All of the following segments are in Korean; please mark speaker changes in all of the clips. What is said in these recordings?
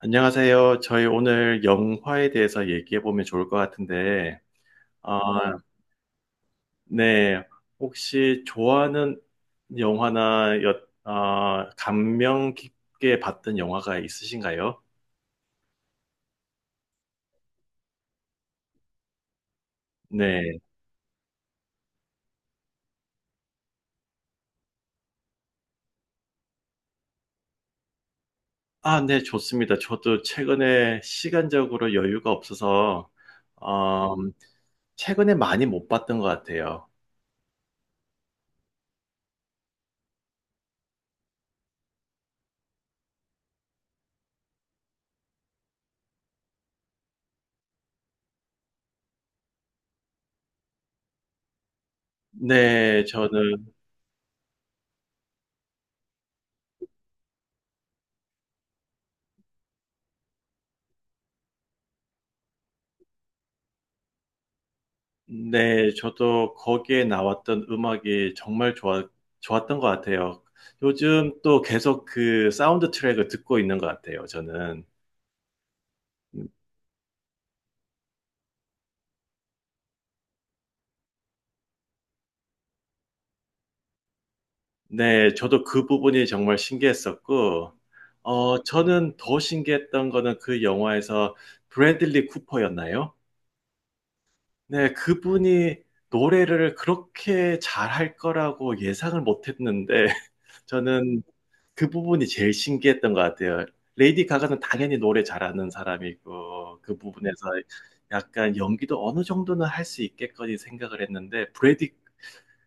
Speaker 1: 안녕하세요. 저희 오늘 영화에 대해서 얘기해 보면 좋을 것 같은데, 아, 네. 혹시 좋아하는 영화나 아, 감명 깊게 봤던 영화가 있으신가요? 네. 아, 네, 좋습니다. 저도 최근에 시간적으로 여유가 없어서, 음, 최근에 많이 못 봤던 것 같아요. 네, 저는. 네, 저도 거기에 나왔던 음악이 정말 좋았던 것 같아요. 요즘 또 계속 그 사운드 트랙을 듣고 있는 것 같아요, 저는. 네, 저도 그 부분이 정말 신기했었고, 저는 더 신기했던 거는 그 영화에서 브래들리 쿠퍼였나요? 네, 그분이 노래를 그렇게 잘할 거라고 예상을 못 했는데, 저는 그 부분이 제일 신기했던 것 같아요. 레이디 가가는 당연히 노래 잘하는 사람이고 그 부분에서 약간 연기도 어느 정도는 할 수 있겠거니 생각을 했는데 브래디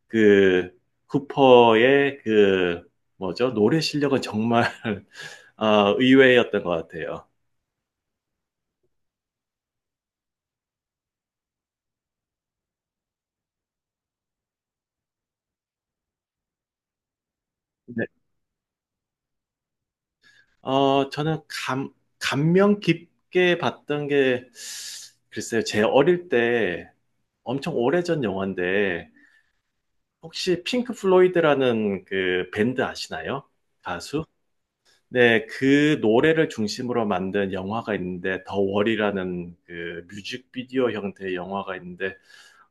Speaker 1: 그 쿠퍼의 그 뭐죠? 노래 실력은 정말 의외였던 것 같아요. 네. 어, 저는 감, 감명 깊게 봤던 게 글쎄요. 제 어릴 때 엄청 오래전 영화인데 혹시 핑크 플로이드라는 그 밴드 아시나요? 가수? 네, 그 노래를 중심으로 만든 영화가 있는데 더 월이라는 그 뮤직비디오 형태의 영화가 있는데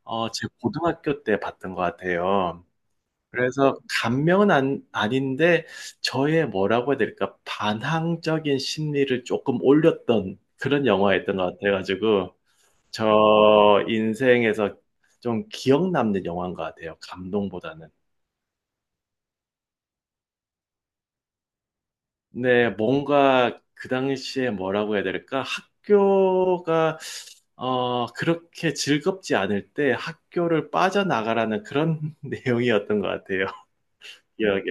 Speaker 1: 제 고등학교 때 봤던 것 같아요. 그래서 감명은 안, 아닌데 저의 뭐라고 해야 될까 반항적인 심리를 조금 올렸던 그런 영화였던 것 같아가지고 저 인생에서 좀 기억 남는 영화인 것 같아요. 감동보다는. 네, 뭔가 그 당시에 뭐라고 해야 될까? 학교가 그렇게 즐겁지 않을 때 학교를 빠져나가라는 그런 내용이었던 것 같아요. 기억에.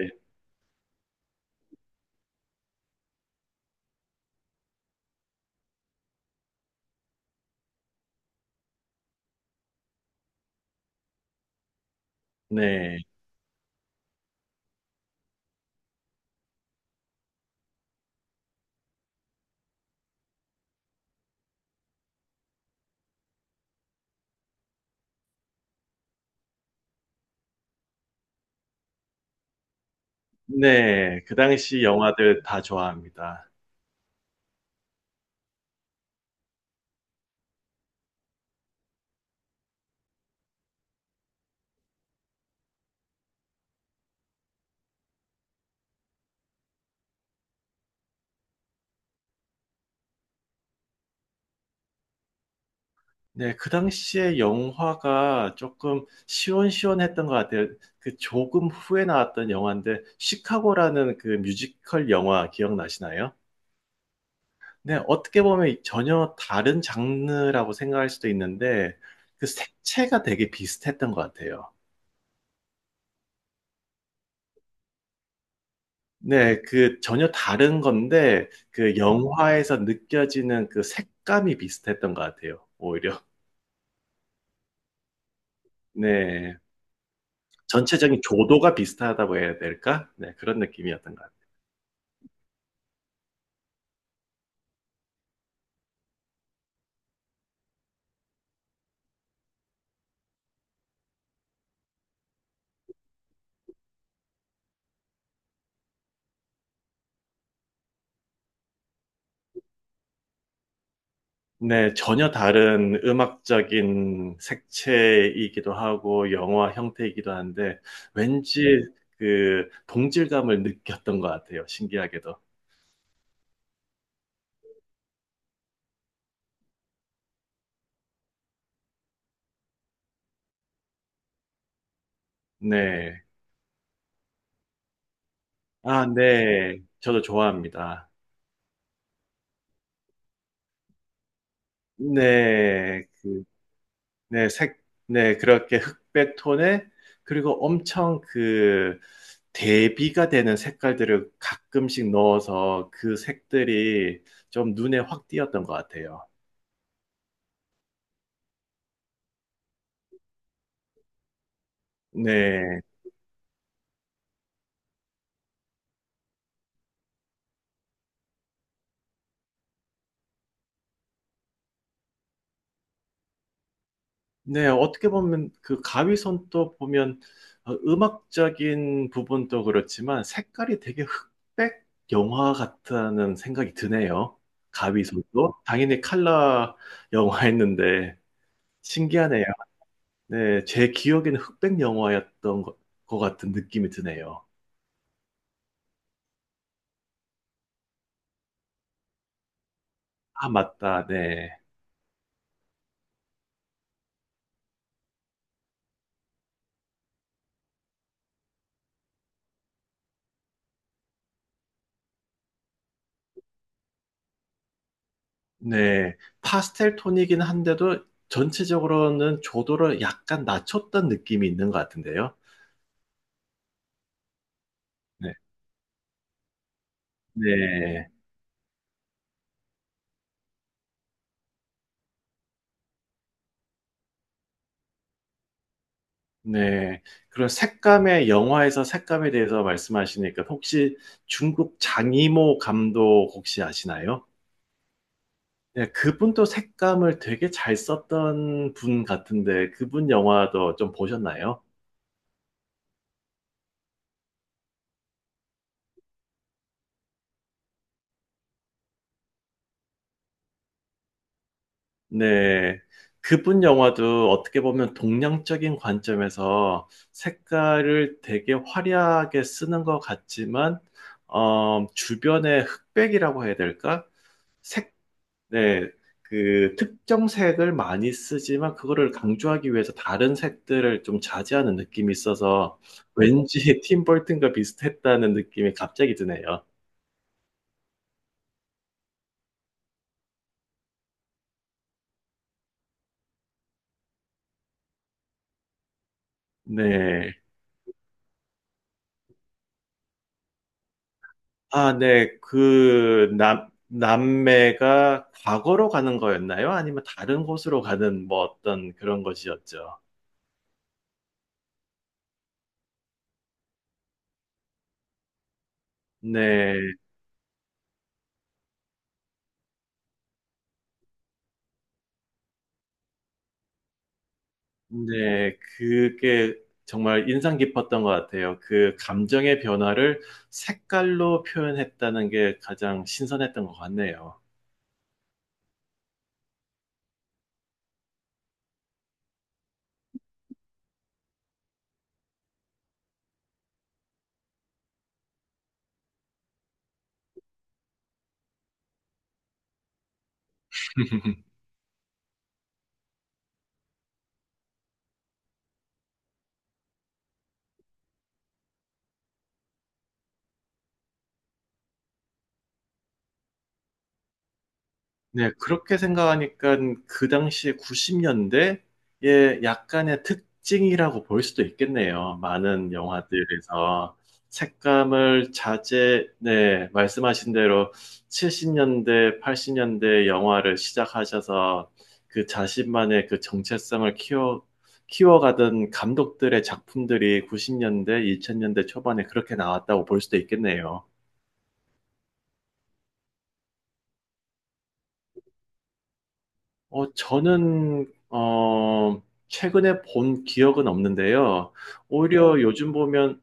Speaker 1: 네. 네. 그 당시 영화들 다 좋아합니다. 네. 그 당시에 영화가 조금 시원시원했던 것 같아요. 그 조금 후에 나왔던 영화인데, 시카고라는 그 뮤지컬 영화 기억나시나요? 네, 어떻게 보면 전혀 다른 장르라고 생각할 수도 있는데, 그 색채가 되게 비슷했던 것 같아요. 네, 그 전혀 다른 건데, 그 영화에서 느껴지는 그 색감이 비슷했던 것 같아요, 오히려. 네, 전체적인 조도가 비슷하다고 해야 될까? 네, 그런 느낌이었던 것 같아요. 네, 전혀 다른 음악적인 색채이기도 하고 영화 형태이기도 한데 왠지 그 동질감을 느꼈던 것 같아요. 신기하게도. 네. 아, 네. 저도 좋아합니다. 네. 네, 네, 그렇게 흑백 톤에 그리고 엄청 그 대비가 되는 색깔들을 가끔씩 넣어서 그 색들이 좀 눈에 확 띄었던 것 같아요. 네. 네, 어떻게 보면 그 가위손도 보면 음악적인 부분도 그렇지만 색깔이 되게 흑백 영화 같다는 생각이 드네요. 가위손도 당연히 컬러 영화였는데 신기하네요. 네, 제 기억에는 것 같은 느낌이 드네요. 아, 맞다. 네. 네. 파스텔 톤이긴 한데도 전체적으로는 조도를 약간 낮췄던 느낌이 있는 것 같은데요. 네. 네. 네. 그런 색감의 영화에서 색감에 대해서 말씀하시니까 혹시 중국 장이모 감독 혹시 아시나요? 네, 그분도 색감을 되게 잘 썼던 분 같은데 그분 영화도 좀 보셨나요? 네. 그분 영화도 어떻게 보면 동양적인 관점에서 색깔을 되게 화려하게 쓰는 것 같지만, 주변의 흑백이라고 해야 될까? 색 네, 그 특정 색을 많이 쓰지만 그거를 강조하기 위해서 다른 색들을 좀 자제하는 느낌이 있어서 왠지 팀 버튼과 비슷했다는 느낌이 갑자기 드네요. 네. 아, 네. 그 남매가 과거로 가는 거였나요? 아니면 다른 곳으로 가는 뭐 어떤 그런 것이었죠. 네. 네, 그게 정말 인상 깊었던 것 같아요. 그 감정의 변화를 색깔로 표현했다는 게 가장 신선했던 것 같네요. 네, 그렇게 생각하니까 그 당시에 90년대의 약간의 특징이라고 볼 수도 있겠네요. 많은 영화들에서 네, 말씀하신 대로 70년대, 80년대 영화를 시작하셔서 그 자신만의 그 정체성을 키워가던 감독들의 작품들이 90년대, 2000년대 초반에 그렇게 나왔다고 볼 수도 있겠네요. 어, 저는, 어, 최근에 본 기억은 없는데요. 오히려 요즘 보면,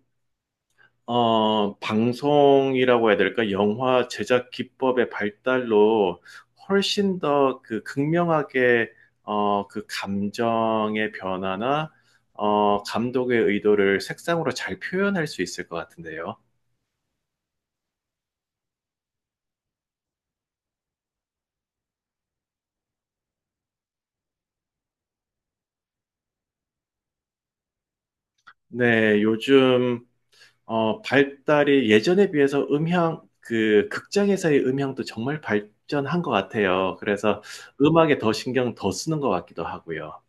Speaker 1: 방송이라고 해야 될까? 영화 제작 기법의 발달로 훨씬 더 그 극명하게, 그 감정의 변화나, 감독의 의도를 색상으로 잘 표현할 수 있을 것 같은데요. 네, 요즘, 발달이 예전에 비해서 음향, 그 극장에서의 음향도 정말 발전한 것 같아요. 그래서 음악에 더 신경 더 쓰는 것 같기도 하고요.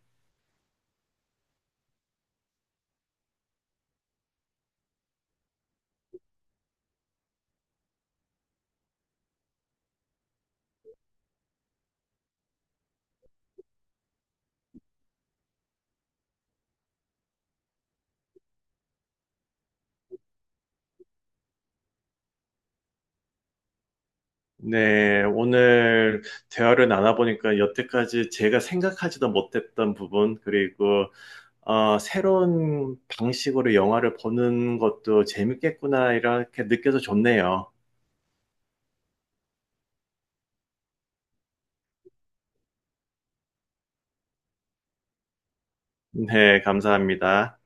Speaker 1: 네, 오늘 대화를 나눠보니까 여태까지 제가 생각하지도 못했던 부분, 그리고 새로운 방식으로 영화를 보는 것도 재밌겠구나, 이렇게 느껴서 좋네요. 네, 감사합니다.